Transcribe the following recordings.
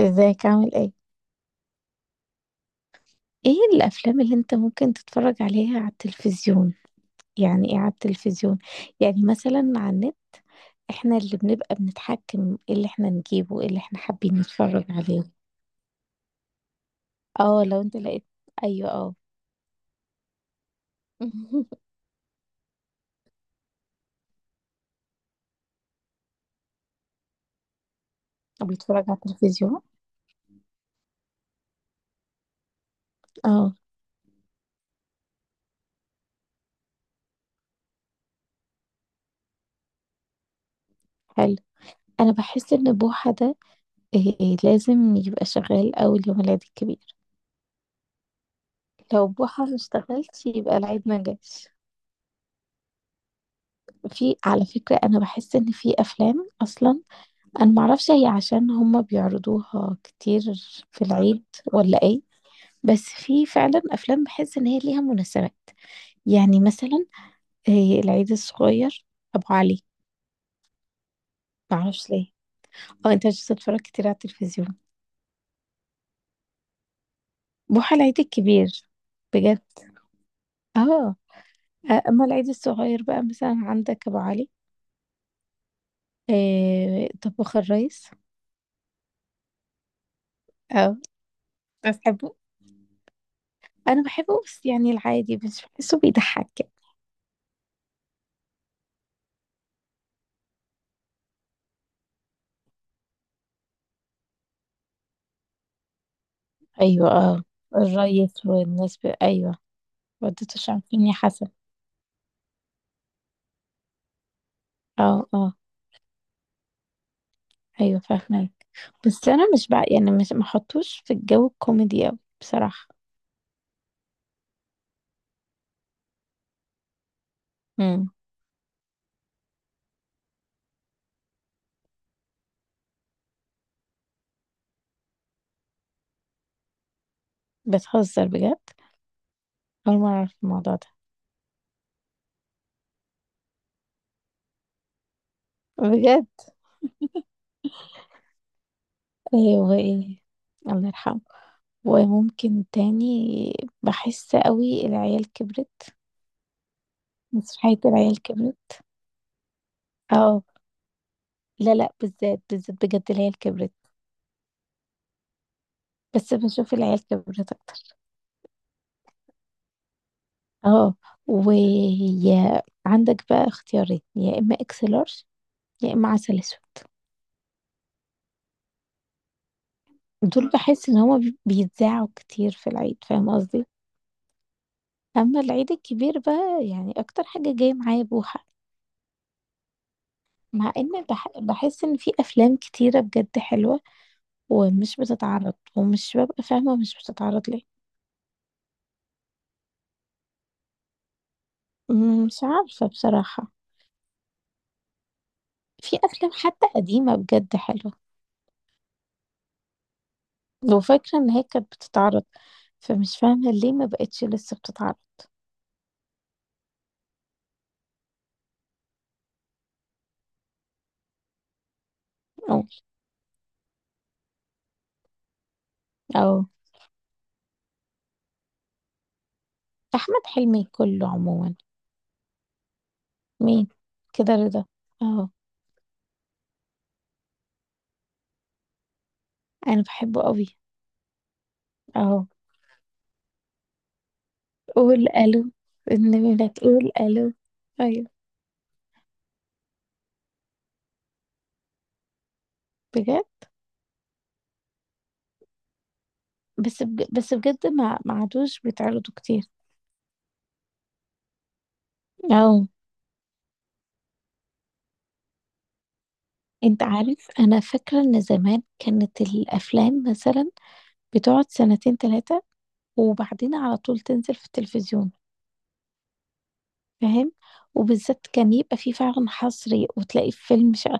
ازيك، عامل ايه؟ ايه الافلام اللي انت ممكن تتفرج عليها على التلفزيون؟ يعني ايه على التلفزيون؟ يعني مثلا على النت. احنا اللي بنبقى بنتحكم، ايه اللي احنا نجيبه، ايه اللي احنا حابين نتفرج عليه. اه، لو انت لقيت. ايوه، اه. بيتفرج على التلفزيون. اه. حلو. انا بحس ان بوحة ده، إيه لازم يبقى شغال اول يوم العيد الكبير. لو بوحة ما اشتغلش، يبقى العيد ما جاش. في، على فكرة، انا بحس ان في افلام اصلا، انا معرفش هي عشان هما بيعرضوها كتير في العيد، ولا ايه؟ بس في فعلا افلام بحس ان هي ليها مناسبات. يعني مثلا، العيد الصغير، ابو علي. معرفش ليه. اه، انت مش بتتفرج كتير على التلفزيون؟ بوحة العيد الكبير. بجد. اه. اما العيد الصغير بقى مثلا عندك ابو علي. طباخ الريس. اه، بس بحبه. انا بحبه، بس يعني العادي، بس بحسه بيضحك. ايوه، اه. الريس والناس ايوه. والدته عارفيني حسن. اه، اه. ايوه، فاهمك. بس انا مش بقى، يعني مش محطوش في الجو الكوميدي اوي بصراحه. امم. بتهزر بجد؟ اول مره اعرف الموضوع ده. بجد؟ ايوه، ايه؟ الله يرحمه. وممكن تاني. بحس قوي العيال كبرت. مسرحيه العيال كبرت. اه. لا لا، بالذات بالذات، بجد العيال كبرت. بس بشوف العيال كبرت اكتر. اه. وعندك بقى اختيارين، يا اما اكس لارج، يا اما عسل اسود. دول بحس ان هما بيتذاعوا كتير في العيد، فاهم قصدي؟ اما العيد الكبير بقى يعني اكتر حاجه جايه معايا بوحه. مع ان بحس ان في افلام كتيره بجد حلوه، ومش بتتعرض، ومش ببقى فاهمه مش بتتعرض ليه. مش عارفه بصراحه. في افلام حتى قديمه بجد حلوه، لو فاكره ان هي كانت بتتعرض، فمش فاهمه ليه ما بقتش لسه بتتعرض. او. او. احمد حلمي كله عموما. مين؟ كده رضا؟ اه. انا بحبه قوي. اه، قول الو. النبي، لا تقول الو! ايوه. بجد. بس بس بجد ما عادوش بيتعرضوا كتير. اه. انت عارف، انا فاكره ان زمان كانت الافلام مثلا بتقعد سنتين ثلاثه، وبعدين على طول تنزل في التلفزيون. فاهم؟ وبالذات كان يبقى في فعلا حصري، وتلاقي فيلم.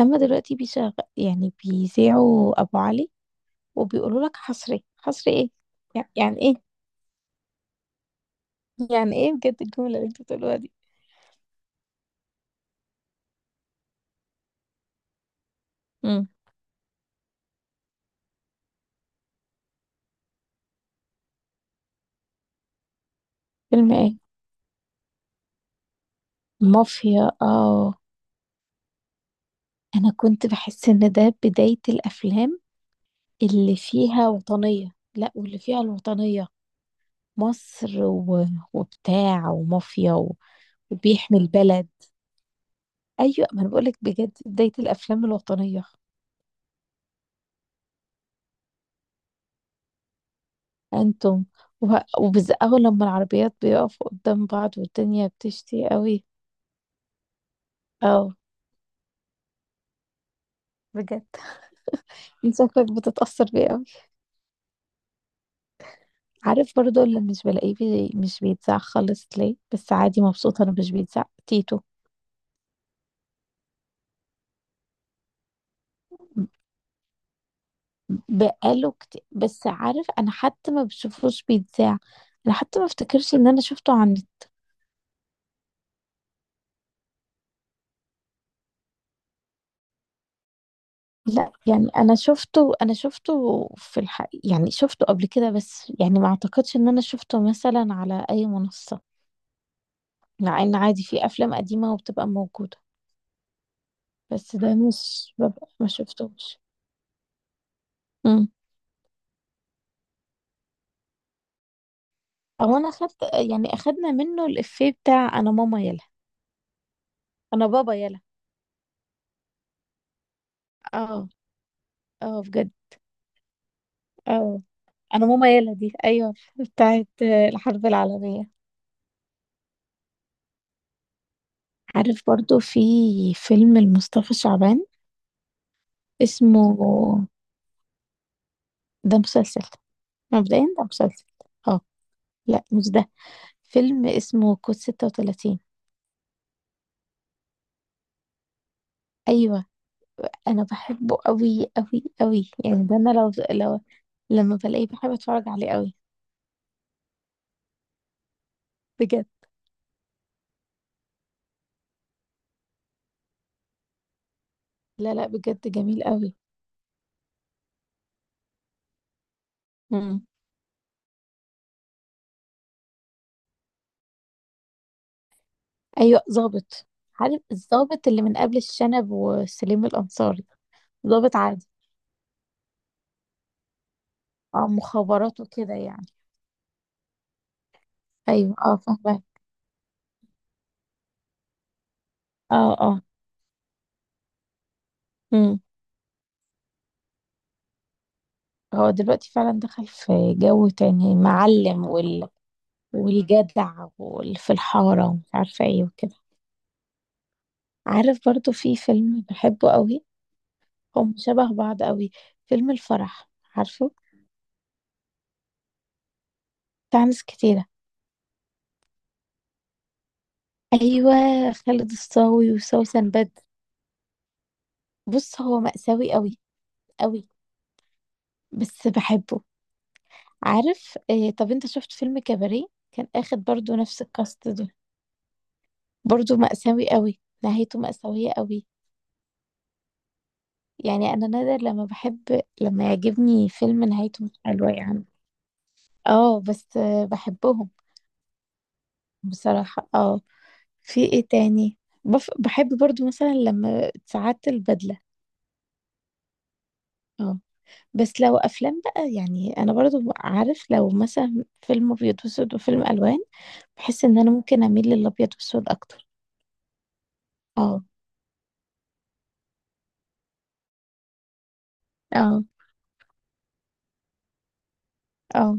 اما دلوقتي بيشغل يعني بيذيعوا ابو علي، وبيقولوا لك حصري، حصري ايه؟ يعني ايه؟ يعني ايه بجد الجملة اللي انت بتقولوها دي؟ امم. فيلم ايه؟ مافيا. اه، انا كنت بحس ان ده بداية الافلام اللي فيها وطنية، لا، واللي فيها الوطنية، مصر. وبتاع ومافيا، وبيحمي البلد. ايوه، ما انا بقولك بجد بداية الافلام الوطنية. انتم و... اول لما العربيات بيقفوا قدام بعض والدنيا بتشتي قوي. اه، بجد. انت شكلك بتتأثر بيه قوي. عارف برضو اللي مش بلاقيه مش بيتذاع خالص ليه، بس عادي مبسوطة انه مش بيتذاع تيتو. بقاله كتير، بس عارف، انا حتى ما بشوفوش بيتذاع. انا حتى ما افتكرش ان انا شفته عن. لا، يعني انا شفته في الحق، يعني شفته قبل كده، بس يعني ما اعتقدش ان انا شفته مثلا على اي منصة. مع ان عادي في افلام قديمة وبتبقى موجودة. بس ده مش ببقى ما شفتوش. مم. او، انا اخدت، يعني اخدنا منه الافيه بتاع انا ماما يلا، انا بابا يلا. اه، اه، بجد، اه. انا ماما يلا دي، ايوه، بتاعت الحرب العالمية. عارف برضو، في فيلم لمصطفى شعبان اسمه، ده مسلسل، مبدئيا ده مسلسل. اه، لا، مش ده. فيلم اسمه كود 36. ايوه. انا بحبه قوي قوي قوي، يعني ده انا لو لما بلاقيه بحب اتفرج عليه قوي. بجد. لا لا، بجد جميل قوي. ايوه، ظابط. عارف الظابط اللي من قبل الشنب وسليم الانصاري، ظابط عادي. اه، مخابرات وكده يعني. ايوه، اه، فاهمه. اه، اه. امم. هو دلوقتي فعلا دخل في جو تاني معلم، والجدع واللي في الحارة ومش عارفة ايه وكده. عارف برضو في فيلم بحبه قوي. هم شبه بعض قوي. فيلم الفرح. عارفه؟ بتاع ناس كتيرة. ايوه، خالد الصاوي وسوسن بدر. بص، هو مأساوي قوي، قوي، بس بحبه. عارف، طب انت شفت فيلم كباريه؟ كان اخد برضو نفس الكاست ده. برضو مأساوي قوي، نهايته مأساوية قوي. يعني انا نادر لما بحب، لما يعجبني فيلم نهايته مش حلوة يعني. اه، بس بحبهم بصراحة، اه. في ايه تاني؟ بحب برضو مثلا لما ساعات البدلة. اه. بس لو افلام بقى، يعني انا برضو عارف، لو مثلا فيلم ابيض واسود وفيلم الوان، بحس ان انا ممكن اميل للابيض واسود اكتر. اه، اه، اه.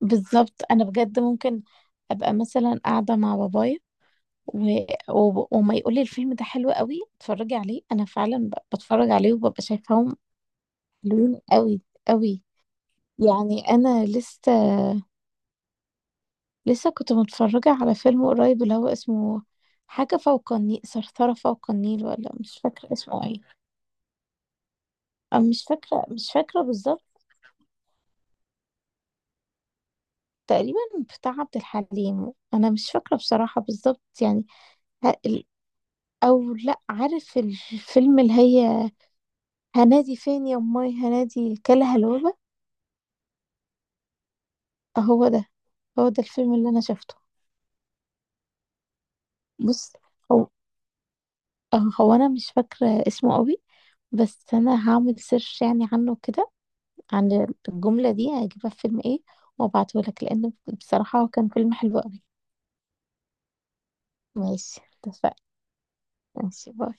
بالظبط، انا بجد ممكن ابقى مثلا قاعده مع بابايا و... وما يقول لي الفيلم ده حلو قوي اتفرجي عليه، انا فعلا بتفرج عليه وببقى شايفاهم حلوين قوي، قوي. يعني انا لسه، لسه كنت متفرجه على فيلم قريب اللي هو اسمه حاجه فوق النيل، ثرثره فوق النيل، ولا مش فاكره اسمه ايه. أنا مش فاكره بالظبط. تقريبا بتاع عبد الحليم، انا مش فاكره بصراحه بالظبط يعني. ه- ال- او، لا، عارف الفيلم اللي هي هنادي فين يا امي، هنادي كلها الوبا؟ هو ده. هو ده الفيلم اللي انا شفته. بص، هو هو انا مش فاكره اسمه قوي، بس انا هعمل سيرش يعني عنه كده، عن الجمله دي هجيبها في فيلم ايه، وابعته لك، لان بصراحه هو كان فيلم حلو قوي. ماشي، اتفقنا. ماشي، باي.